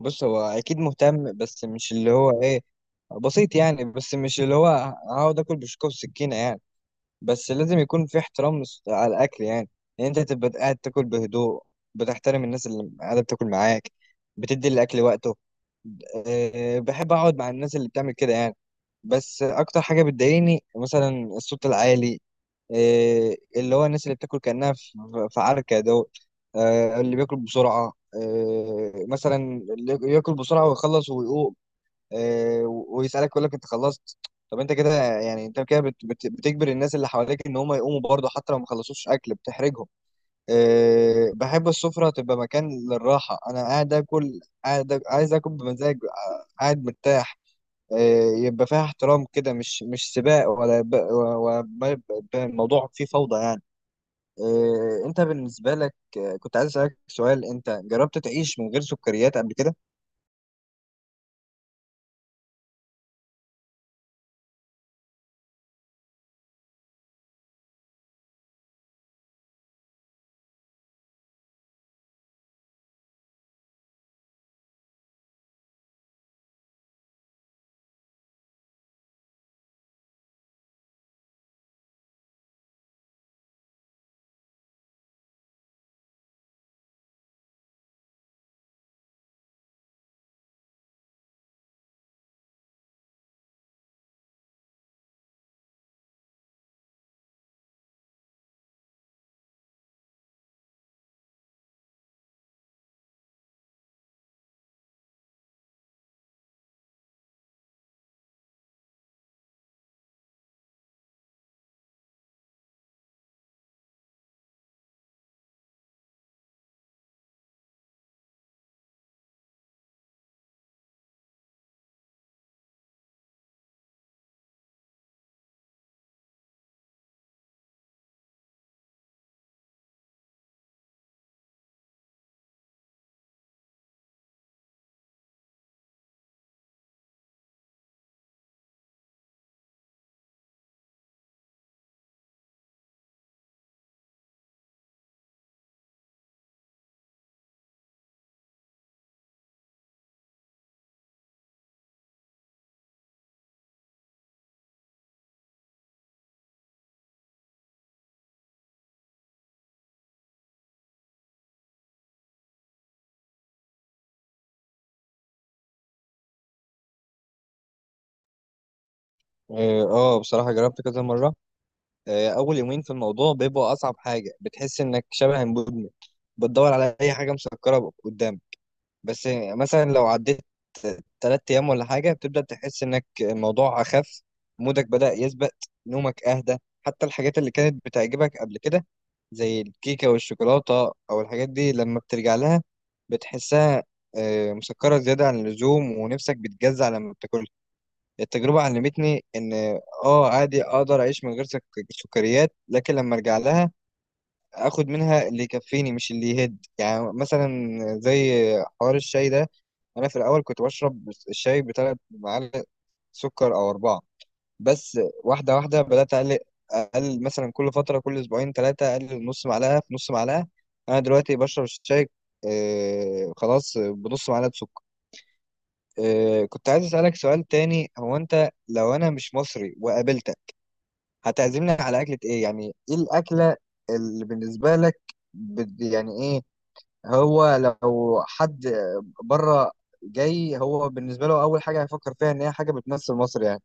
بص، هو اكيد مهتم، بس مش اللي هو ايه بسيط يعني. بس مش اللي هو هقعد اكل بشوكه وسكينه يعني. بس لازم يكون في احترام على الاكل يعني، ان انت تبقى قاعد تاكل بهدوء، بتحترم الناس اللي قاعده بتاكل معاك، بتدي الاكل وقته. بحب اقعد مع الناس اللي بتعمل كده يعني. بس اكتر حاجه بتضايقني مثلا الصوت العالي، اللي هو الناس اللي بتاكل كانها في عركه دول. اللي بياكل بسرعه، مثلا اللي ياكل بسرعه ويخلص ويقوم، آه، ويسالك يقول لك انت خلصت؟ طب انت كده يعني انت كده بتجبر الناس اللي حواليك ان هم يقوموا برضه حتى لو ما خلصوش اكل، بتحرجهم. أه، بحب السفره تبقى مكان للراحه، انا قاعد اكل، قاعد عايز اكل بمزاج، قاعد مرتاح. يبقى فيها احترام كده، مش سباق، ولا ما يبقى الموضوع فيه فوضى يعني. انت بالنسبة لك، كنت عايز اسألك سؤال، انت جربت تعيش من غير سكريات قبل كده؟ اه، بصراحة جربت كذا مرة. اول يومين في الموضوع بيبقوا اصعب حاجة، بتحس انك شبه مدمن، بتدور على اي حاجة مسكرة قدامك. بس مثلا لو عديت ثلاث ايام ولا حاجه بتبدا تحس انك الموضوع اخف، مودك بدا يثبت، نومك اهدى. حتى الحاجات اللي كانت بتعجبك قبل كده زي الكيكه والشوكولاته او الحاجات دي، لما بترجع لها بتحسها مسكره زياده عن اللزوم، ونفسك بتجزع لما بتاكلها. التجربه علمتني ان اه، عادي اقدر اعيش من غير سكريات، لكن لما ارجع لها اخد منها اللي يكفيني مش اللي يهد، يعني مثلا زي حوار الشاي ده. انا في الاول كنت بشرب الشاي بثلاث معالق سكر او اربعه. بس واحده واحده بدات اقلل، اقلل مثلا كل فتره، كل اسبوعين ثلاثه اقلل نص معلقه في نص معلقه. انا دلوقتي بشرب الشاي آه خلاص بنص معلقه سكر. آه، كنت عايز اسالك سؤال تاني، هو انت لو انا مش مصري وقابلتك هتعزمني على اكله ايه؟ يعني ايه الاكله اللي بالنسبه لك يعني ايه؟ هو لو حد بره جاي، هو بالنسبة له أول حاجة هيفكر فيها إن هي حاجة بتمثل مصر يعني.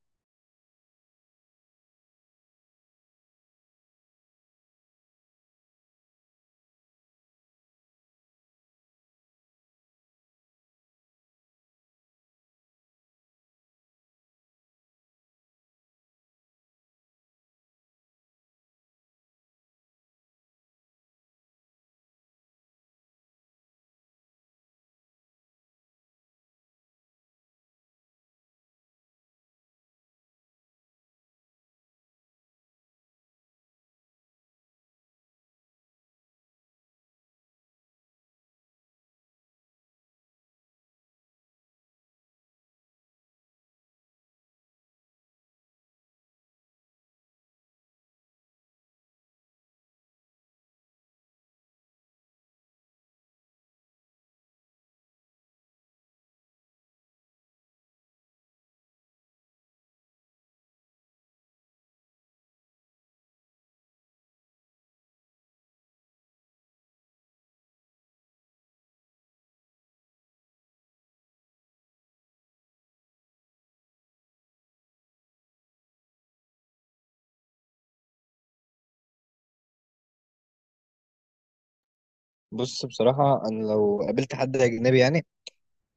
بص، بصراحة أنا لو قابلت حد أجنبي يعني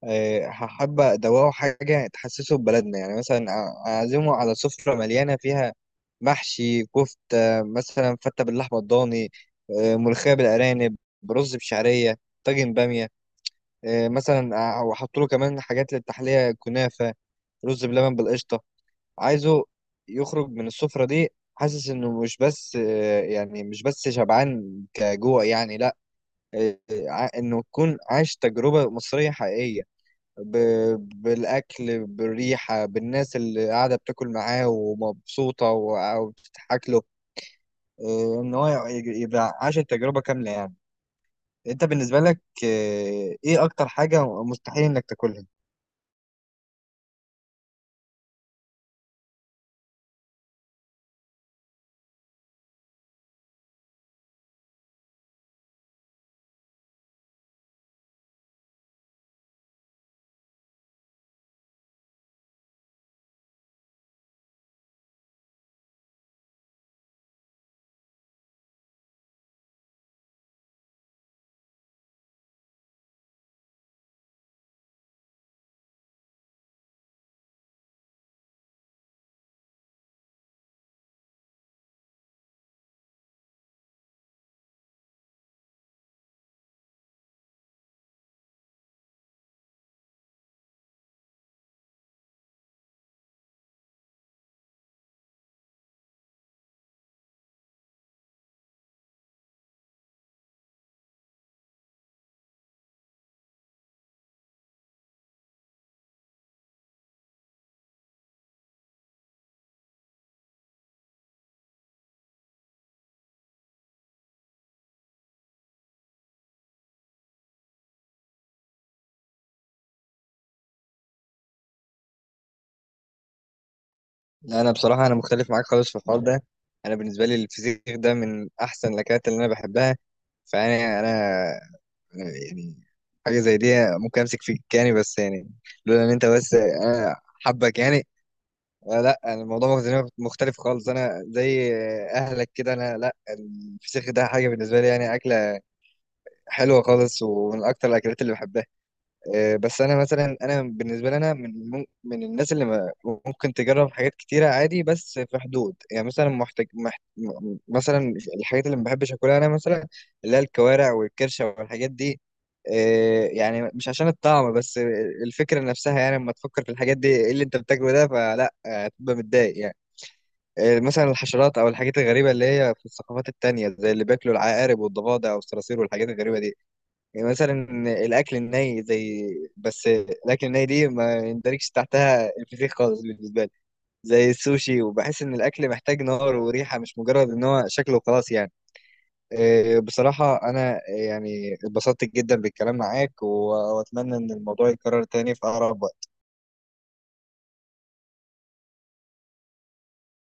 هحب أدوقه حاجة تحسسه ببلدنا، يعني مثلا أعزمه على سفرة مليانة فيها محشي، كفتة مثلا، فتة باللحمة الضاني، ملوخية بالأرانب، رز بشعرية، طاجن بامية، مثلا وأحط له كمان حاجات للتحلية، كنافة، رز بلبن بالقشطة. عايزه يخرج من السفرة دي حاسس انه مش بس يعني مش بس شبعان كجوع يعني، لا، انه يكون عايش تجربة مصرية حقيقية، ب- بالاكل، بالريحة، بالناس اللي قاعدة بتاكل معاه ومبسوطة وبتضحك له، ان هو يبقى عاش التجربة كاملة يعني. انت بالنسبة لك ايه اكتر حاجة مستحيل انك تاكلها؟ لا، انا بصراحة انا مختلف معاك خالص في الحوار ده. انا بالنسبة لي الفسيخ ده من احسن الاكلات اللي انا بحبها. فانا يعني حاجه زي دي ممكن امسك فيك يعني، بس يعني لولا ان انت، بس انا حبك يعني. آه، لا أنا الموضوع بالنسبة لي مختلف خالص، انا زي اهلك كده، انا لا، الفسيخ ده حاجه بالنسبه لي يعني اكله حلوه خالص، ومن اكتر الاكلات اللي بحبها. بس انا مثلا، انا بالنسبه لي انا من من الناس اللي ممكن تجرب حاجات كتيره عادي، بس في حدود يعني، مثلا محتاج مثلا الحاجات اللي ما بحبش اكلها انا مثلا، اللي هي الكوارع والكرشه والحاجات دي. يعني مش عشان الطعم بس، الفكره نفسها، يعني لما تفكر في الحاجات دي ايه اللي انت بتاكله ده، فلا، هتبقى متضايق يعني. مثلا الحشرات او الحاجات الغريبه اللي هي في الثقافات التانية، زي اللي بياكلوا العقارب والضفادع والصراصير والحاجات الغريبه دي. يعني مثلا الاكل الني، زي، بس الاكل الني دي ما يندرجش تحتها الفسيخ خالص بالنسبه لي، زي السوشي، وبحس ان الاكل محتاج نار وريحه، مش مجرد ان هو شكله وخلاص يعني. إيه، بصراحه انا يعني اتبسطت جدا بالكلام معاك واتمنى ان الموضوع يتكرر تاني في اقرب وقت.